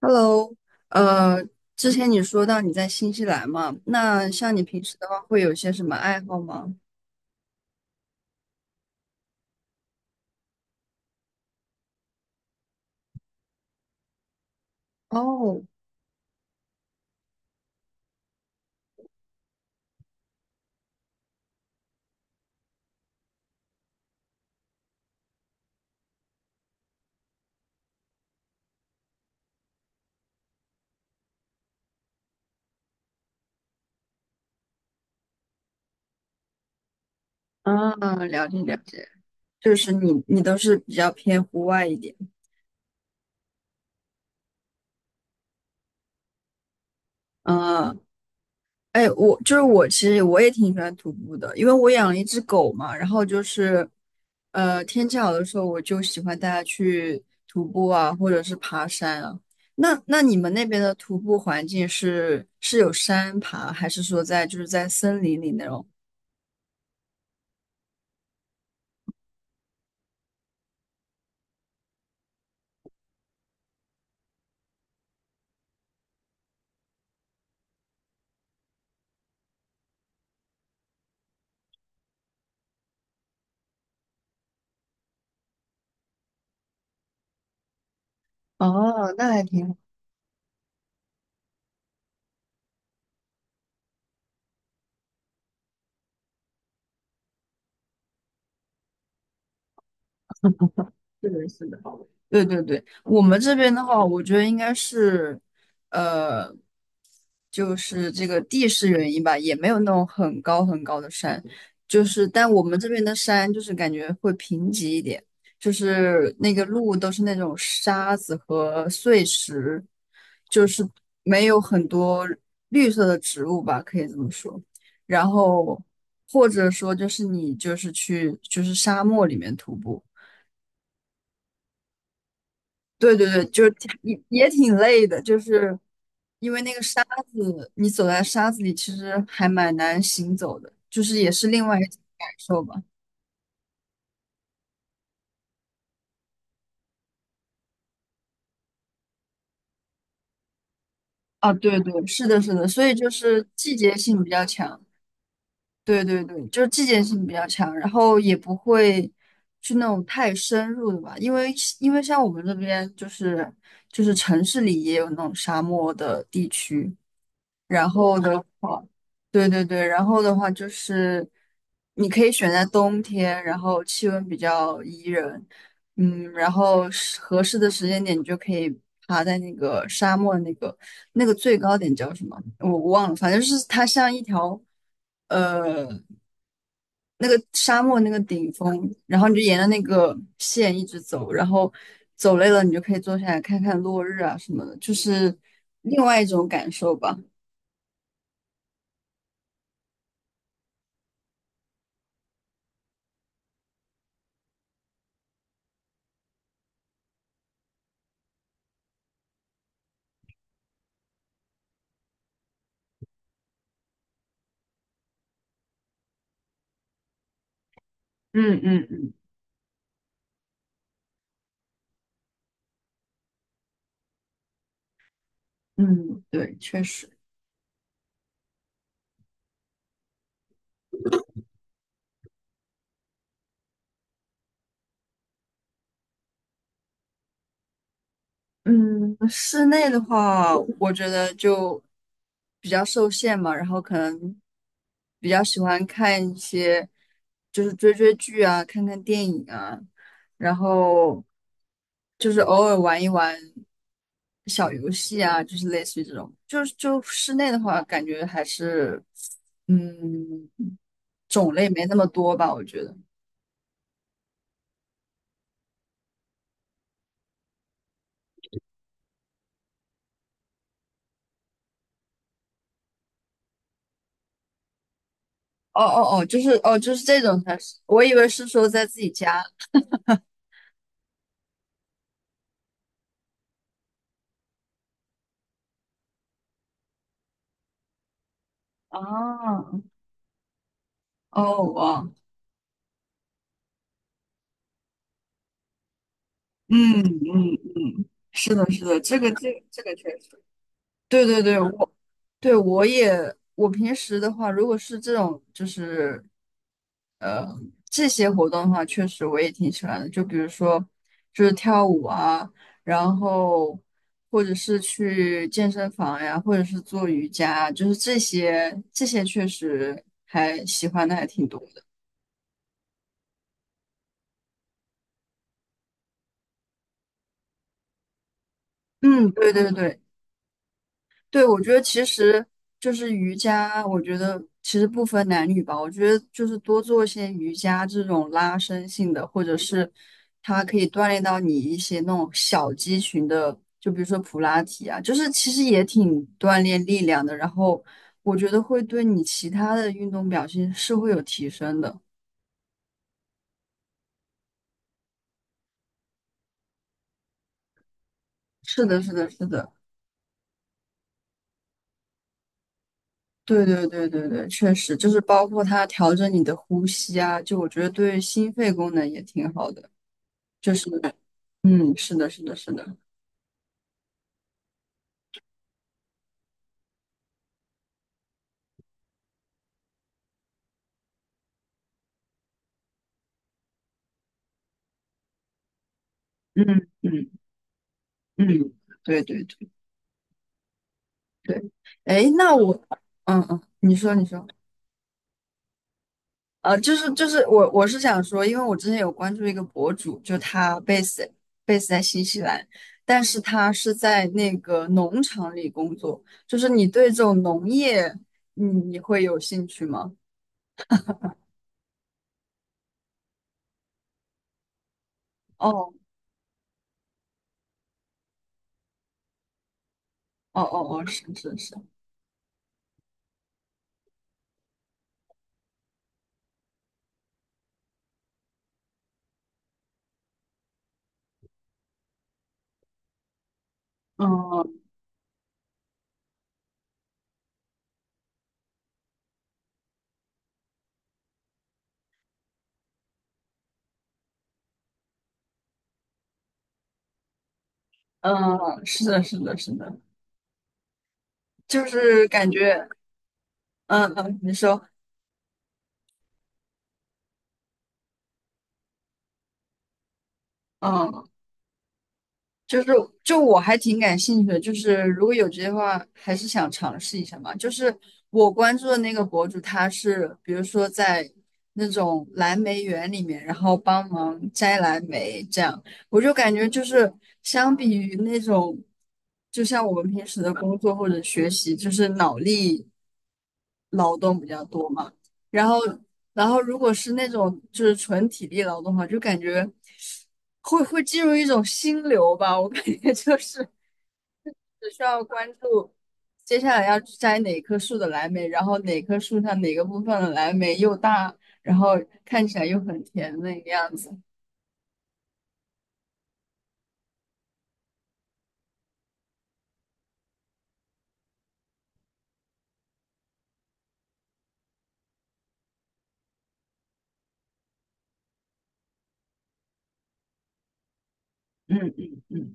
Hello，呃，之前你说到你在新西兰嘛，那像你平时的话，会有些什么爱好吗？哦，啊，了解了解，就是你都是比较偏户外一点，嗯。哎，我就是我，其实我也挺喜欢徒步的，因为我养了一只狗嘛。然后就是，天气好的时候，我就喜欢带它去徒步啊，或者是爬山啊。那你们那边的徒步环境是有山爬，还是说在就是在森林里那种？哦，那还挺是的，是的，对对对，我们这边的话，我觉得应该是，呃，就是这个地势原因吧，也没有那种很高很高的山，就是但我们这边的山就是感觉会贫瘠一点，就是那个路都是那种沙子和碎石，就是没有很多绿色的植物吧，可以这么说。然后或者说就是你就是去就是沙漠里面徒步。对对对，就是也挺累的，就是因为那个沙子，你走在沙子里，其实还蛮难行走的，就是也是另外一种感受吧。啊，对对，是的，是的，所以就是季节性比较强，对对对，就是季节性比较强，然后也不会去那种太深入的吧，因为像我们这边就是城市里也有那种沙漠的地区，然后的话，对对对，然后的话就是你可以选在冬天，然后气温比较宜人，嗯，然后是合适的时间点，你就可以爬在那个沙漠那个最高点叫什么？我忘了，反正就是它像一条呃那个沙漠那个顶峰，然后你就沿着那个线一直走，然后走累了你就可以坐下来看看落日啊什么的，就是另外一种感受吧。嗯嗯嗯。嗯，对，确实，嗯，室内的话，我觉得就比较受限嘛，然后可能比较喜欢看一些，就是追追剧啊，看看电影啊，然后就是偶尔玩一玩小游戏啊，就是类似于这种，就是就室内的话，感觉还是，嗯，种类没那么多吧，我觉得。哦哦哦，就是哦，就是这种才是，我以为是说在自己家。啊，哦，哇，嗯嗯嗯，是的，是的，这个确实，对对对，我对我也，我平时的话，如果是这种就是这些活动的话，确实我也挺喜欢的，就比如说就是跳舞啊，然后或者是去健身房呀，或者是做瑜伽啊，就是这些确实还喜欢的还挺多的。嗯，对对对，对，我觉得其实就是瑜伽，我觉得其实不分男女吧。我觉得就是多做一些瑜伽这种拉伸性的，或者是它可以锻炼到你一些那种小肌群的，就比如说普拉提啊，就是其实也挺锻炼力量的。然后我觉得会对你其他的运动表现是会有提升的。是的，是的，是的。对对对对对，确实就是包括它调整你的呼吸啊，就我觉得对心肺功能也挺好的。就是，嗯，是的，是的，是的，嗯嗯嗯，对对对对，哎，那我，嗯嗯，你说你说，就是我是想说，因为我之前有关注一个博主，就他 base 在新西兰，但是他是在那个农场里工作，就是你对这种农业，你会有兴趣吗？哦哦哦哦，是是是，嗯嗯，是的，是的，是的，就是感觉，嗯嗯，你说。嗯就是就我还挺感兴趣的，就是如果有机会的话，还是想尝试一下嘛。就是我关注的那个博主，他是比如说在那种蓝莓园里面，然后帮忙摘蓝莓这样，我就感觉就是相比于那种，就像我们平时的工作或者学习，就是脑力劳动比较多嘛。然后，然后如果是那种就是纯体力劳动的话，就感觉会进入一种心流吧。我感觉就是只需要关注接下来要去摘哪棵树的蓝莓，然后哪棵树上哪个部分的蓝莓又大，然后看起来又很甜那个样子。嗯嗯嗯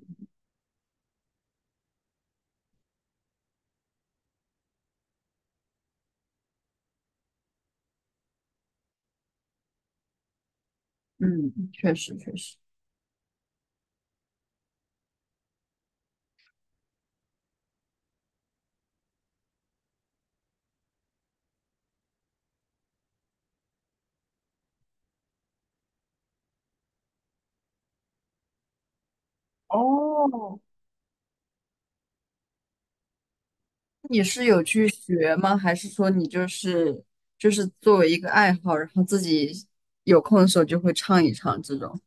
嗯，确实确实。哦，你是有去学吗？还是说你就是作为一个爱好，然后自己有空的时候就会唱一唱这种？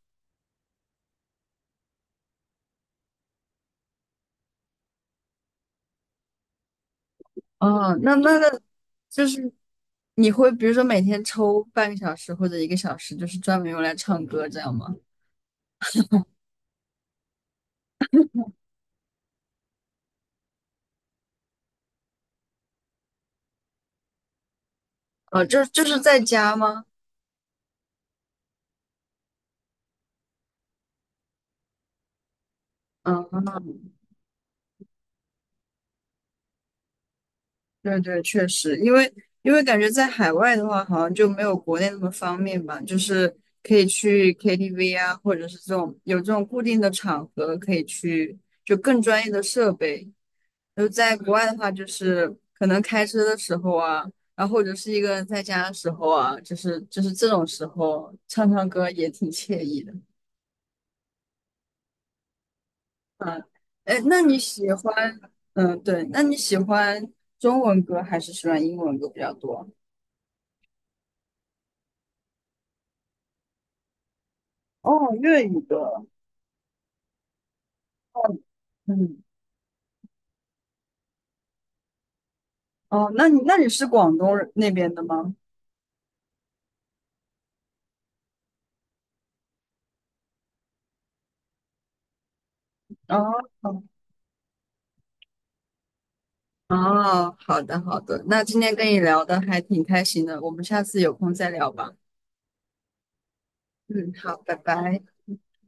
哦，那，就是你会比如说每天抽半个小时或者一个小时，就是专门用来唱歌这样吗？哦，就是在家吗？嗯，对对，确实，因为感觉在海外的话，好像就没有国内那么方便吧，就是可以去 KTV 啊，或者是这种有这种固定的场合可以去，就更专业的设备，就在国外的话，就是可能开车的时候啊，然后或者是一个人在家的时候啊，就是这种时候唱唱歌也挺惬意的。嗯，哎，那你喜欢，嗯，对，那你喜欢中文歌还是喜欢英文歌比较多？哦，粤语歌。哦，嗯，哦，那你是广东人那边的吗？哦，哦，好的好的，那今天跟你聊的还挺开心的，我们下次有空再聊吧。嗯，好，拜拜。